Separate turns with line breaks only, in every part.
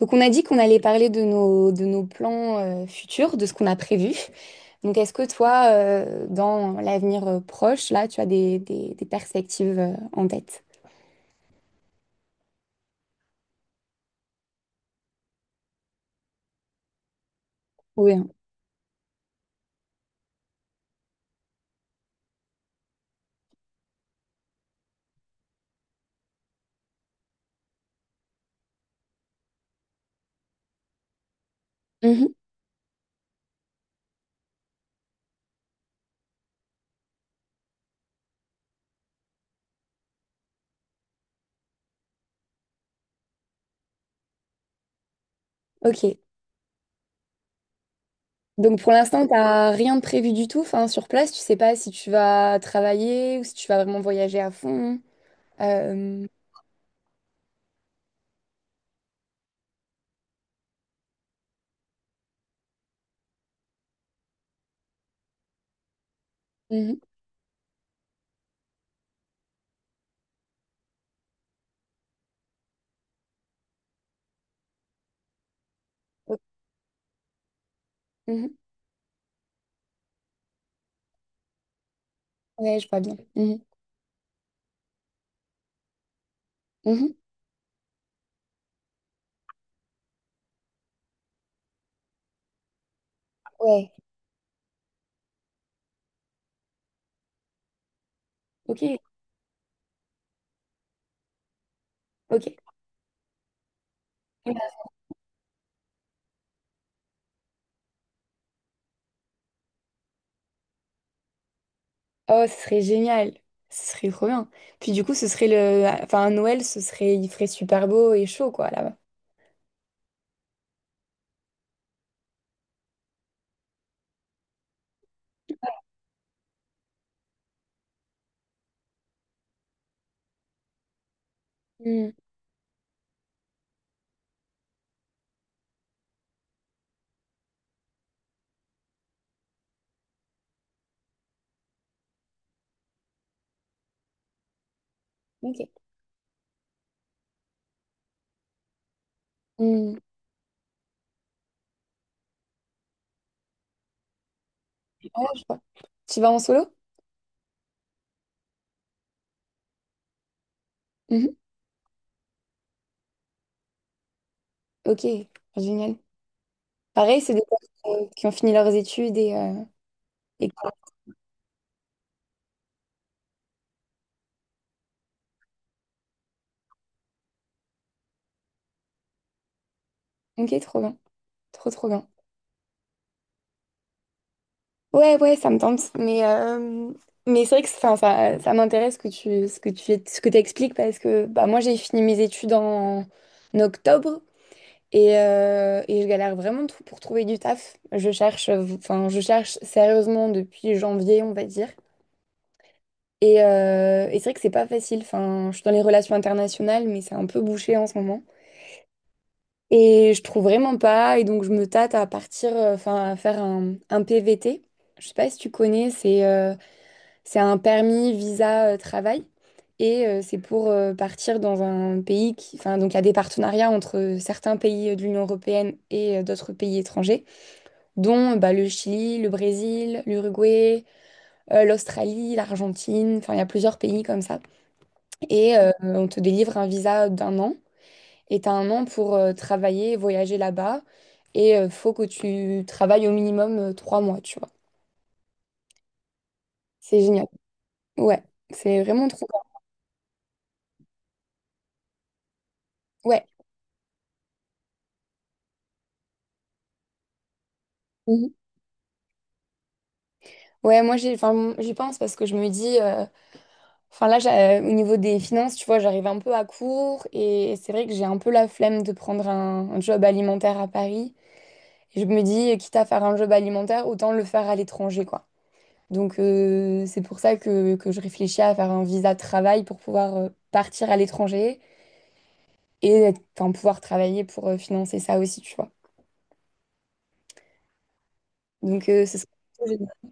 Donc on a dit qu'on allait parler de nos plans futurs, de ce qu'on a prévu. Donc est-ce que toi, dans l'avenir proche, là, tu as des perspectives en tête? Oui, hein. Mhm. Ok. Donc pour l'instant, tu n'as rien de prévu du tout. Enfin, sur place, tu sais pas si tu vas travailler ou si tu vas vraiment voyager à fond. Euh, mhm. Ok. Mhm. Ouais, je vois bien. Mhm. Mhm. Ouais. Ok. Ok. Oh, ce serait génial. Ce serait trop bien. Puis du coup, ce serait le... Enfin, à Noël, ce serait... Il ferait super beau et chaud, quoi, là-bas. Hmm. Ok. Hmm, ouais, je vois. Tu vas en solo? Mhm. Ok. Génial. Pareil, c'est des personnes qui ont fini leurs études et... Ok, trop bien. Trop, trop bien. Ouais, ouais, ça me tente. Mais c'est vrai que enfin, ça m'intéresse que ce que t'expliques parce que bah, moi, j'ai fini mes études en octobre. Et je galère vraiment pour trouver du taf. Je cherche, enfin, je cherche sérieusement depuis janvier, on va dire. Et c'est vrai que c'est pas facile. Enfin, je suis dans les relations internationales, mais c'est un peu bouché en ce moment. Et je trouve vraiment pas. Et donc, je me tâte à partir, enfin, à faire un PVT. Je sais pas si tu connais, c'est un permis visa travail. Et c'est pour partir dans un pays qui. Enfin, donc, il y a des partenariats entre certains pays de l'Union européenne et d'autres pays étrangers. Dont bah, le Chili, le Brésil, l'Uruguay, l'Australie, l'Argentine, enfin il y a plusieurs pays comme ça. Et on te délivre un visa d'un an et tu as un an pour travailler, voyager là-bas et faut que tu travailles au minimum trois mois, tu vois. C'est génial. Ouais, c'est vraiment trop bien. Ouais. Mhm. Ouais, moi j'ai, enfin j'y pense parce que je me dis, enfin au niveau des finances, tu vois, j'arrive un peu à court et c'est vrai que j'ai un peu la flemme de prendre un job alimentaire à Paris. Et je me dis, quitte à faire un job alimentaire, autant le faire à l'étranger, quoi. Donc, c'est pour ça que je réfléchis à faire un visa de travail pour pouvoir partir à l'étranger enfin, pouvoir travailler pour financer ça aussi, tu vois. Donc, ce serait plutôt génial.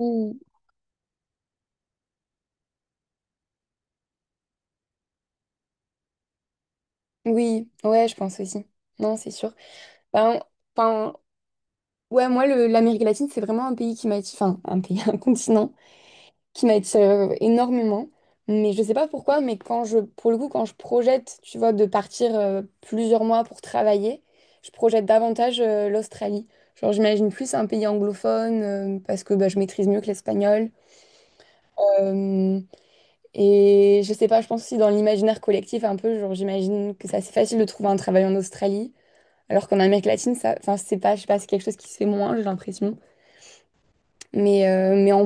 Mm. Oui, ouais, je pense aussi. Non, c'est sûr. Ben, enfin, ouais, moi, l'Amérique latine, c'est vraiment un pays qui m'attire, enfin, un pays, un continent qui m'attire énormément. Mais je sais pas pourquoi, mais pour le coup, quand je projette, tu vois, de partir plusieurs mois pour travailler, je projette davantage l'Australie. Genre, j'imagine plus un pays anglophone parce que bah, je maîtrise mieux que l'espagnol. Euh, et je sais pas, je pense aussi dans l'imaginaire collectif un peu, genre, j'imagine que c'est assez facile de trouver un travail en Australie, alors qu'en Amérique latine, ça, enfin, c'est pas, je sais pas, c'est quelque chose qui se fait moins, j'ai l'impression. Mais en...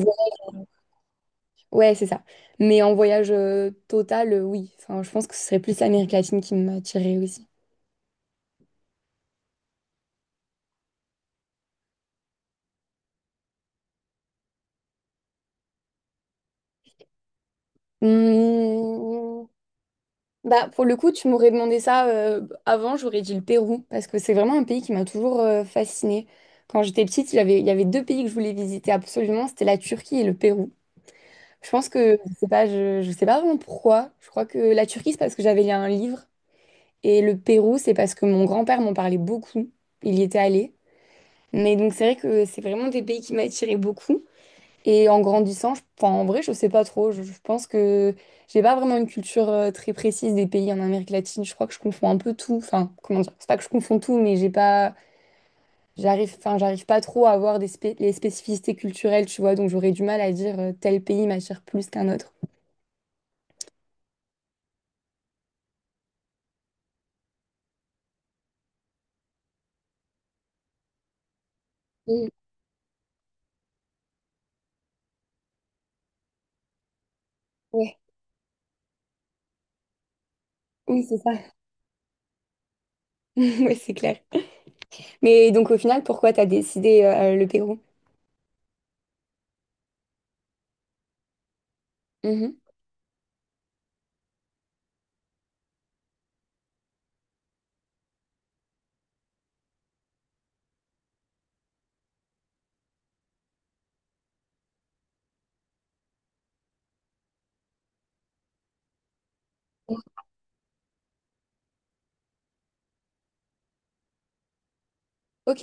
Ouais, c'est ça. Mais en voyage total, oui. Enfin, je pense que ce serait plus l'Amérique latine qui m'attirait aussi. Mmh. Bah, pour le coup, tu m'aurais demandé ça avant, j'aurais dit le Pérou, parce que c'est vraiment un pays qui m'a toujours fascinée. Quand j'étais petite, il y avait deux pays que je voulais visiter absolument, c'était la Turquie et le Pérou. Je pense que, je sais pas, je sais pas vraiment pourquoi. Je crois que la Turquie, c'est parce que j'avais lu un livre, et le Pérou, c'est parce que mon grand-père m'en parlait beaucoup. Il y était allé. Mais donc, c'est vrai que c'est vraiment des pays qui m'attiraient beaucoup. Et en grandissant, enfin, en vrai, je sais pas trop. Je pense que j'ai pas vraiment une culture très précise des pays en Amérique latine. Je crois que je confonds un peu tout. Enfin, comment dire? C'est pas que je confonds tout, mais j'ai pas, enfin, j'arrive pas trop à voir des les spécificités culturelles, tu vois. Donc j'aurais du mal à dire tel pays m'attire plus qu'un autre. Mm, ouais. Oui, c'est ça. Ouais, c'est clair. Mais donc au final, pourquoi t'as décidé le Pérou? Mhm. Ok.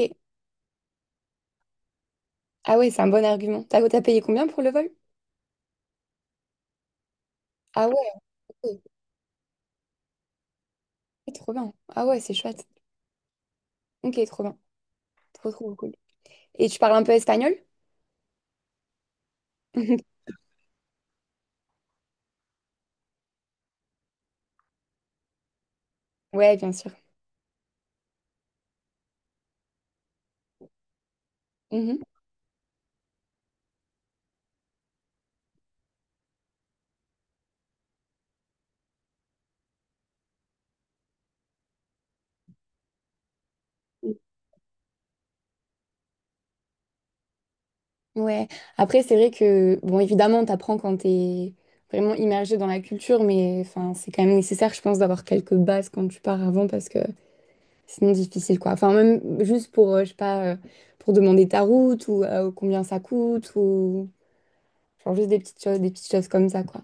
Ah ouais, c'est un bon argument. T'as payé combien pour le vol? Ah ouais, ok. Trop bien. Ah ouais, c'est chouette. Ok, trop bien. Trop, trop cool. Et tu parles un peu espagnol? Ouais, bien sûr. Mhm. Ouais. Après, c'est vrai que, bon, évidemment, t'apprends quand t'es vraiment immergé dans la culture, mais enfin, c'est quand même nécessaire, je pense, d'avoir quelques bases quand tu pars avant parce que sinon, difficile, quoi. Enfin, même juste pour, je sais pas, pour demander ta route ou combien ça coûte ou genre juste des petites choses comme ça, quoi.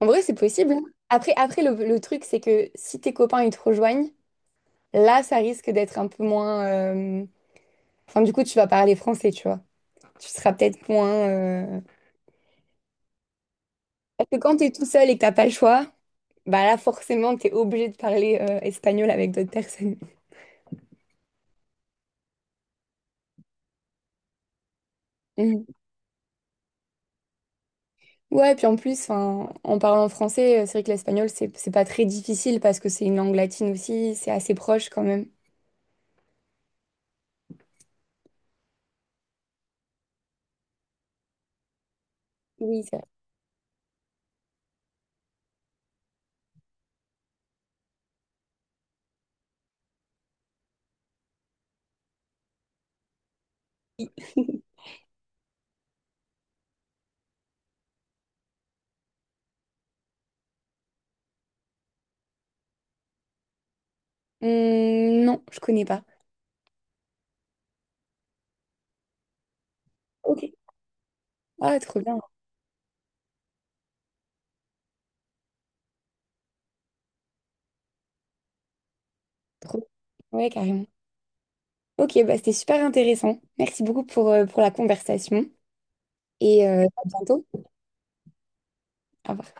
En vrai, c'est possible, hein. Après, après le truc, c'est que si tes copains, ils te rejoignent, là, ça risque d'être un peu moins... Enfin, du coup, tu vas parler français, tu vois. Tu seras peut-être moins... Parce que quand t'es tout seul et que t'as pas le choix, bah là, forcément, t'es obligé de parler espagnol avec d'autres personnes. Mhm. Ouais, puis en plus, enfin, en parlant français, c'est vrai que l'espagnol, c'est pas très difficile parce que c'est une langue latine aussi, c'est assez proche quand même. Oui, c'est vrai. Non, je connais pas. Ok. Ah, trop bien. Trop. Ouais, carrément. Ok, bah c'était super intéressant. Merci beaucoup pour la conversation et à bientôt. Au revoir.